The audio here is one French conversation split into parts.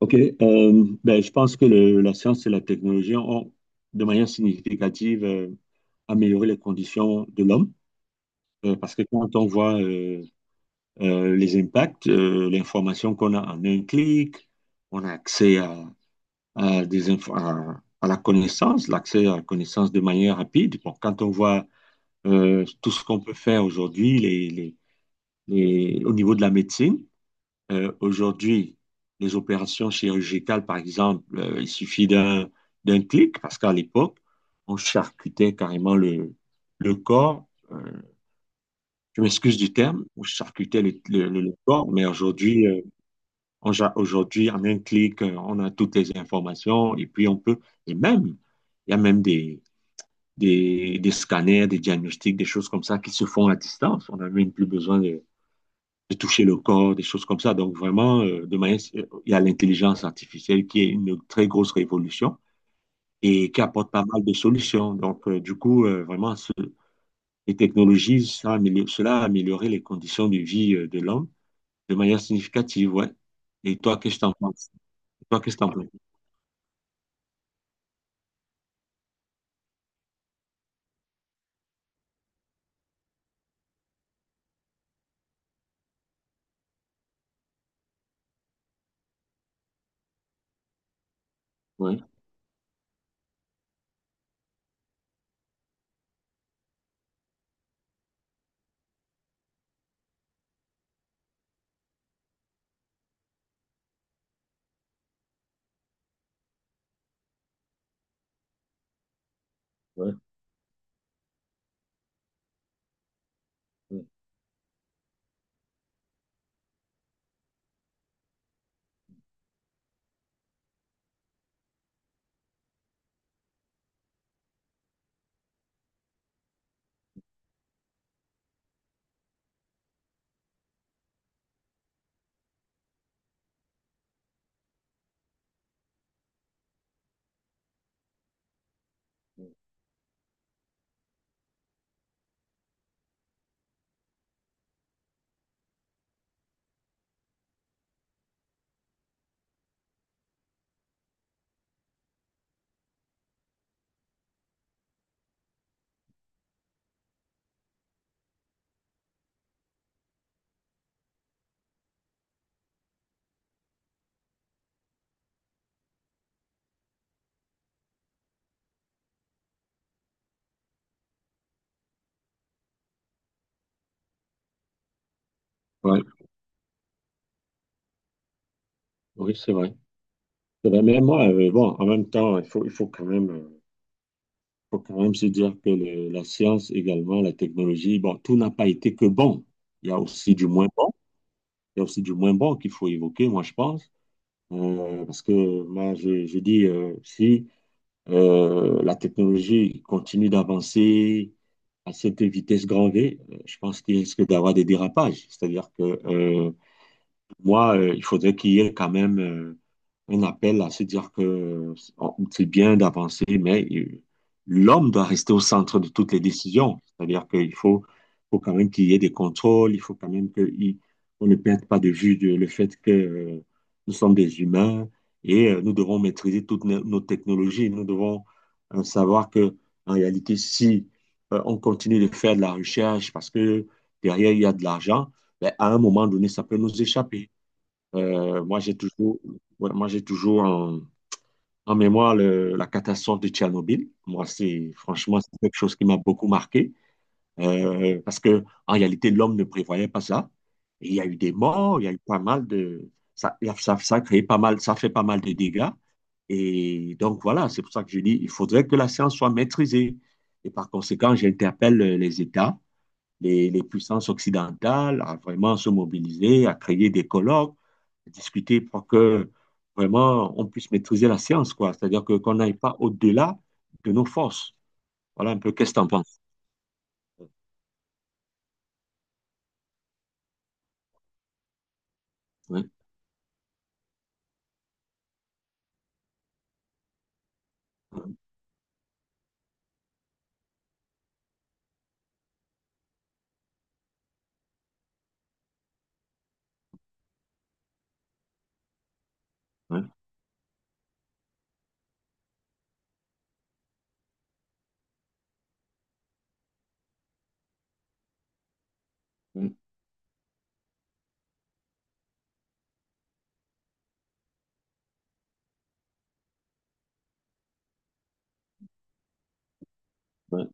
OK. Ben, je pense que la science et la technologie ont, de manière significative, amélioré les conditions de l'homme. Parce que quand on voit les impacts, l'information qu'on a en un clic, on a accès à des à la connaissance, l'accès à la connaissance de manière rapide. Bon, quand on voit tout ce qu'on peut faire aujourd'hui, au niveau de la médecine, aujourd'hui, les opérations chirurgicales, par exemple, il suffit d'un clic, parce qu'à l'époque, on charcutait carrément le corps. euh, je m'excuse du terme, on charcutait le corps, mais aujourd'hui, on, aujourd'hui, en un clic, on a toutes les informations et puis on peut, et même, il y a même des scanners, des diagnostics, des choses comme ça qui se font à distance. On n'a même plus besoin de toucher le corps, des choses comme ça. Donc vraiment, de manière, il y a l'intelligence artificielle qui est une très grosse révolution et qui apporte pas mal de solutions. Donc du coup, vraiment, les technologies, ça cela a amélioré les conditions de vie de l'homme de manière significative, ouais. Et toi, qu'est-ce que t'en penses? Toi, qu'est-ce que t'en penses? Ouais, ouais, ouais. Ouais, oui, c'est vrai. C'est vrai. Mais moi, bon, en même temps, il faut quand même se dire que la science également, la technologie, bon, tout n'a pas été que bon. Il y a aussi du moins bon. Il y a aussi du moins bon qu'il faut évoquer, moi, je pense. Parce que moi, je dis, si la technologie continue d'avancer à cette vitesse grand V, je pense qu'il risque d'avoir des dérapages. C'est-à-dire que moi, il faudrait qu'il y ait quand même un appel à se dire que c'est bien d'avancer, mais l'homme doit rester au centre de toutes les décisions. C'est-à-dire faut quand même qu'il y ait des contrôles, il faut quand même qu'on ne perde pas de vue le fait que nous sommes des humains et nous devons maîtriser toutes nos technologies. Nous devons savoir que, en réalité, si on continue de faire de la recherche parce que derrière il y a de l'argent, ben, à un moment donné, ça peut nous échapper. Euh, moi, j'ai toujours, ouais, moi, j'ai toujours en mémoire la catastrophe de Tchernobyl. Moi, c'est franchement c'est quelque chose qui m'a beaucoup marqué parce que en réalité, l'homme ne prévoyait pas ça. Et il y a eu des morts, il y a eu pas mal de ça, ça, ça a créé pas mal, ça fait pas mal de dégâts. Et donc voilà, c'est pour ça que je dis, il faudrait que la science soit maîtrisée. Et par conséquent, j'interpelle les États les puissances occidentales à vraiment se mobiliser, à créer des colloques, à discuter pour que vraiment on puisse maîtriser la science, quoi. C'est-à-dire que qu'on n'aille pas au-delà de nos forces. Voilà un peu, qu'est-ce que tu en penses? Ouais, ouais, ouais, ouais.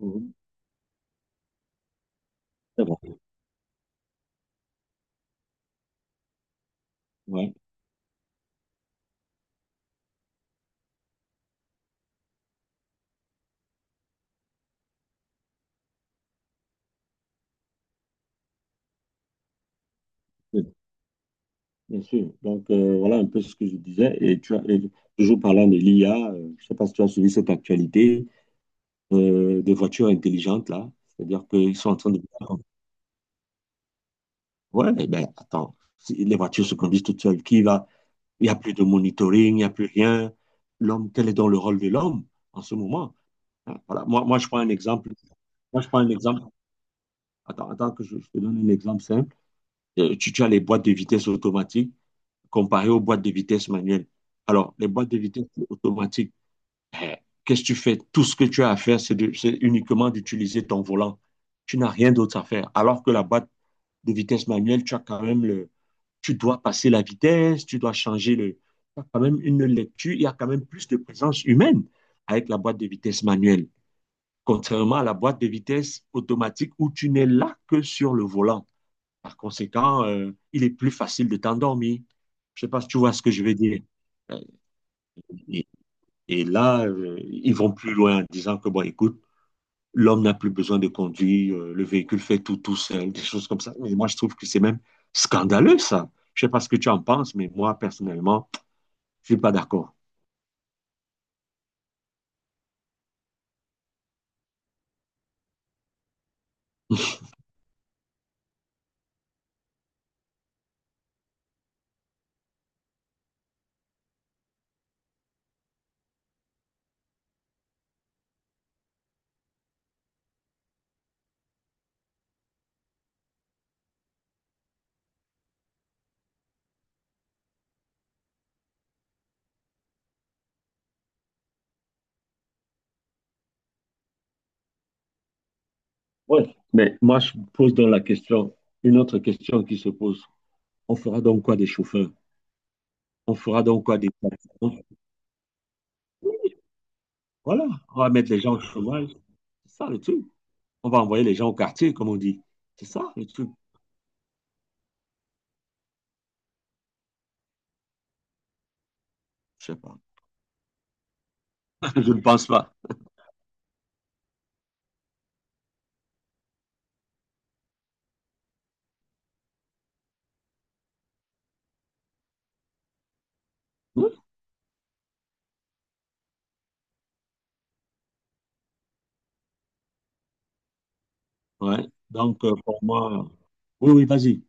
Mhm. C'est bon. Ouais, bien bien sûr. Donc voilà un peu ce que je disais. Et tu as, et toujours parlant de l'IA, je ne sais pas si tu as suivi cette actualité des voitures intelligentes là. C'est-à-dire qu'ils sont en train de Ouais, eh ben attends, si les voitures se conduisent toutes seules, qui va? Il n'y a plus de monitoring, il n'y a plus rien. L'homme, quel est donc le rôle de l'homme en ce moment? Hein, voilà. Moi, je prends un exemple. Moi, je prends un exemple. Attends, que je te donne un exemple simple. Tu, tu as les boîtes de vitesse automatiques comparées aux boîtes de vitesse manuelles. Alors, les boîtes de vitesse automatiques, eh, qu'est-ce que tu fais? Tout ce que tu as à faire, c'est uniquement d'utiliser ton volant. Tu n'as rien d'autre à faire. Alors que la boîte de vitesse manuelle, tu as quand même le, tu dois passer la vitesse, tu dois changer le, tu as quand même une lecture, il y a quand même plus de présence humaine avec la boîte de vitesse manuelle, contrairement à la boîte de vitesse automatique où tu n'es là que sur le volant. Par conséquent, il est plus facile de t'endormir. Je sais pas si tu vois ce que je veux dire. Euh, Et, et là, ils vont plus loin en disant que, bon, écoute, l'homme n'a plus besoin de conduire, le véhicule fait tout tout seul, des choses comme ça. Mais moi, je trouve que c'est même scandaleux, ça. Je ne sais pas ce que tu en penses, mais moi, personnellement, je ne suis pas d'accord. Ouais. Mais moi, je pose donc la question, une autre question qui se pose. On fera donc quoi des chauffeurs? On fera donc quoi des taxis. Voilà, on va mettre les gens au chômage. C'est ça le truc. On va envoyer les gens au quartier, comme on dit. C'est ça le truc. Je ne sais pas. Je ne pense pas. Ouais. Donc, pour moi, oui, oui, vas-y.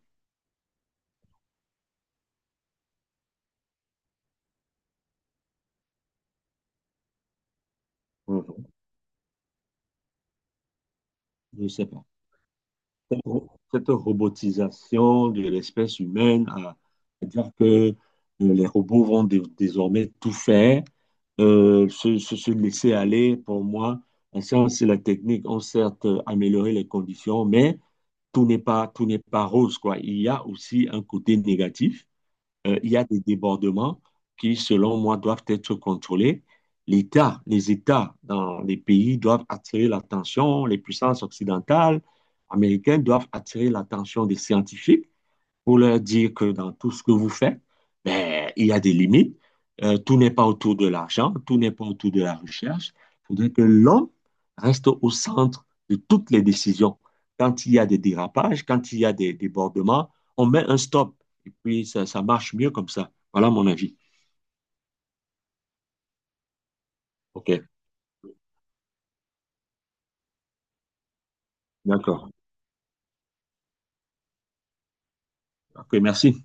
Ouais, ouais. Je ne sais pas. Cette cette robotisation de l'espèce humaine à dire que les robots vont désormais tout faire, se laisser aller, pour moi, la science et la technique ont certes amélioré les conditions, mais tout n'est pas rose, quoi. Il y a aussi un côté négatif il y a des débordements qui, selon moi, doivent être contrôlés. Les États dans les pays doivent attirer l'attention, les puissances occidentales, américaines doivent attirer l'attention des scientifiques pour leur dire que dans tout ce que vous faites, ben, il y a des limites. Tout n'est pas autour de l'argent, tout n'est pas autour de la recherche. Il faudrait que l'homme reste au centre de toutes les décisions. Quand il y a des dérapages, quand il y a des débordements, on met un stop. Et puis, ça marche mieux comme ça. Voilà mon avis. OK, d'accord. OK, merci.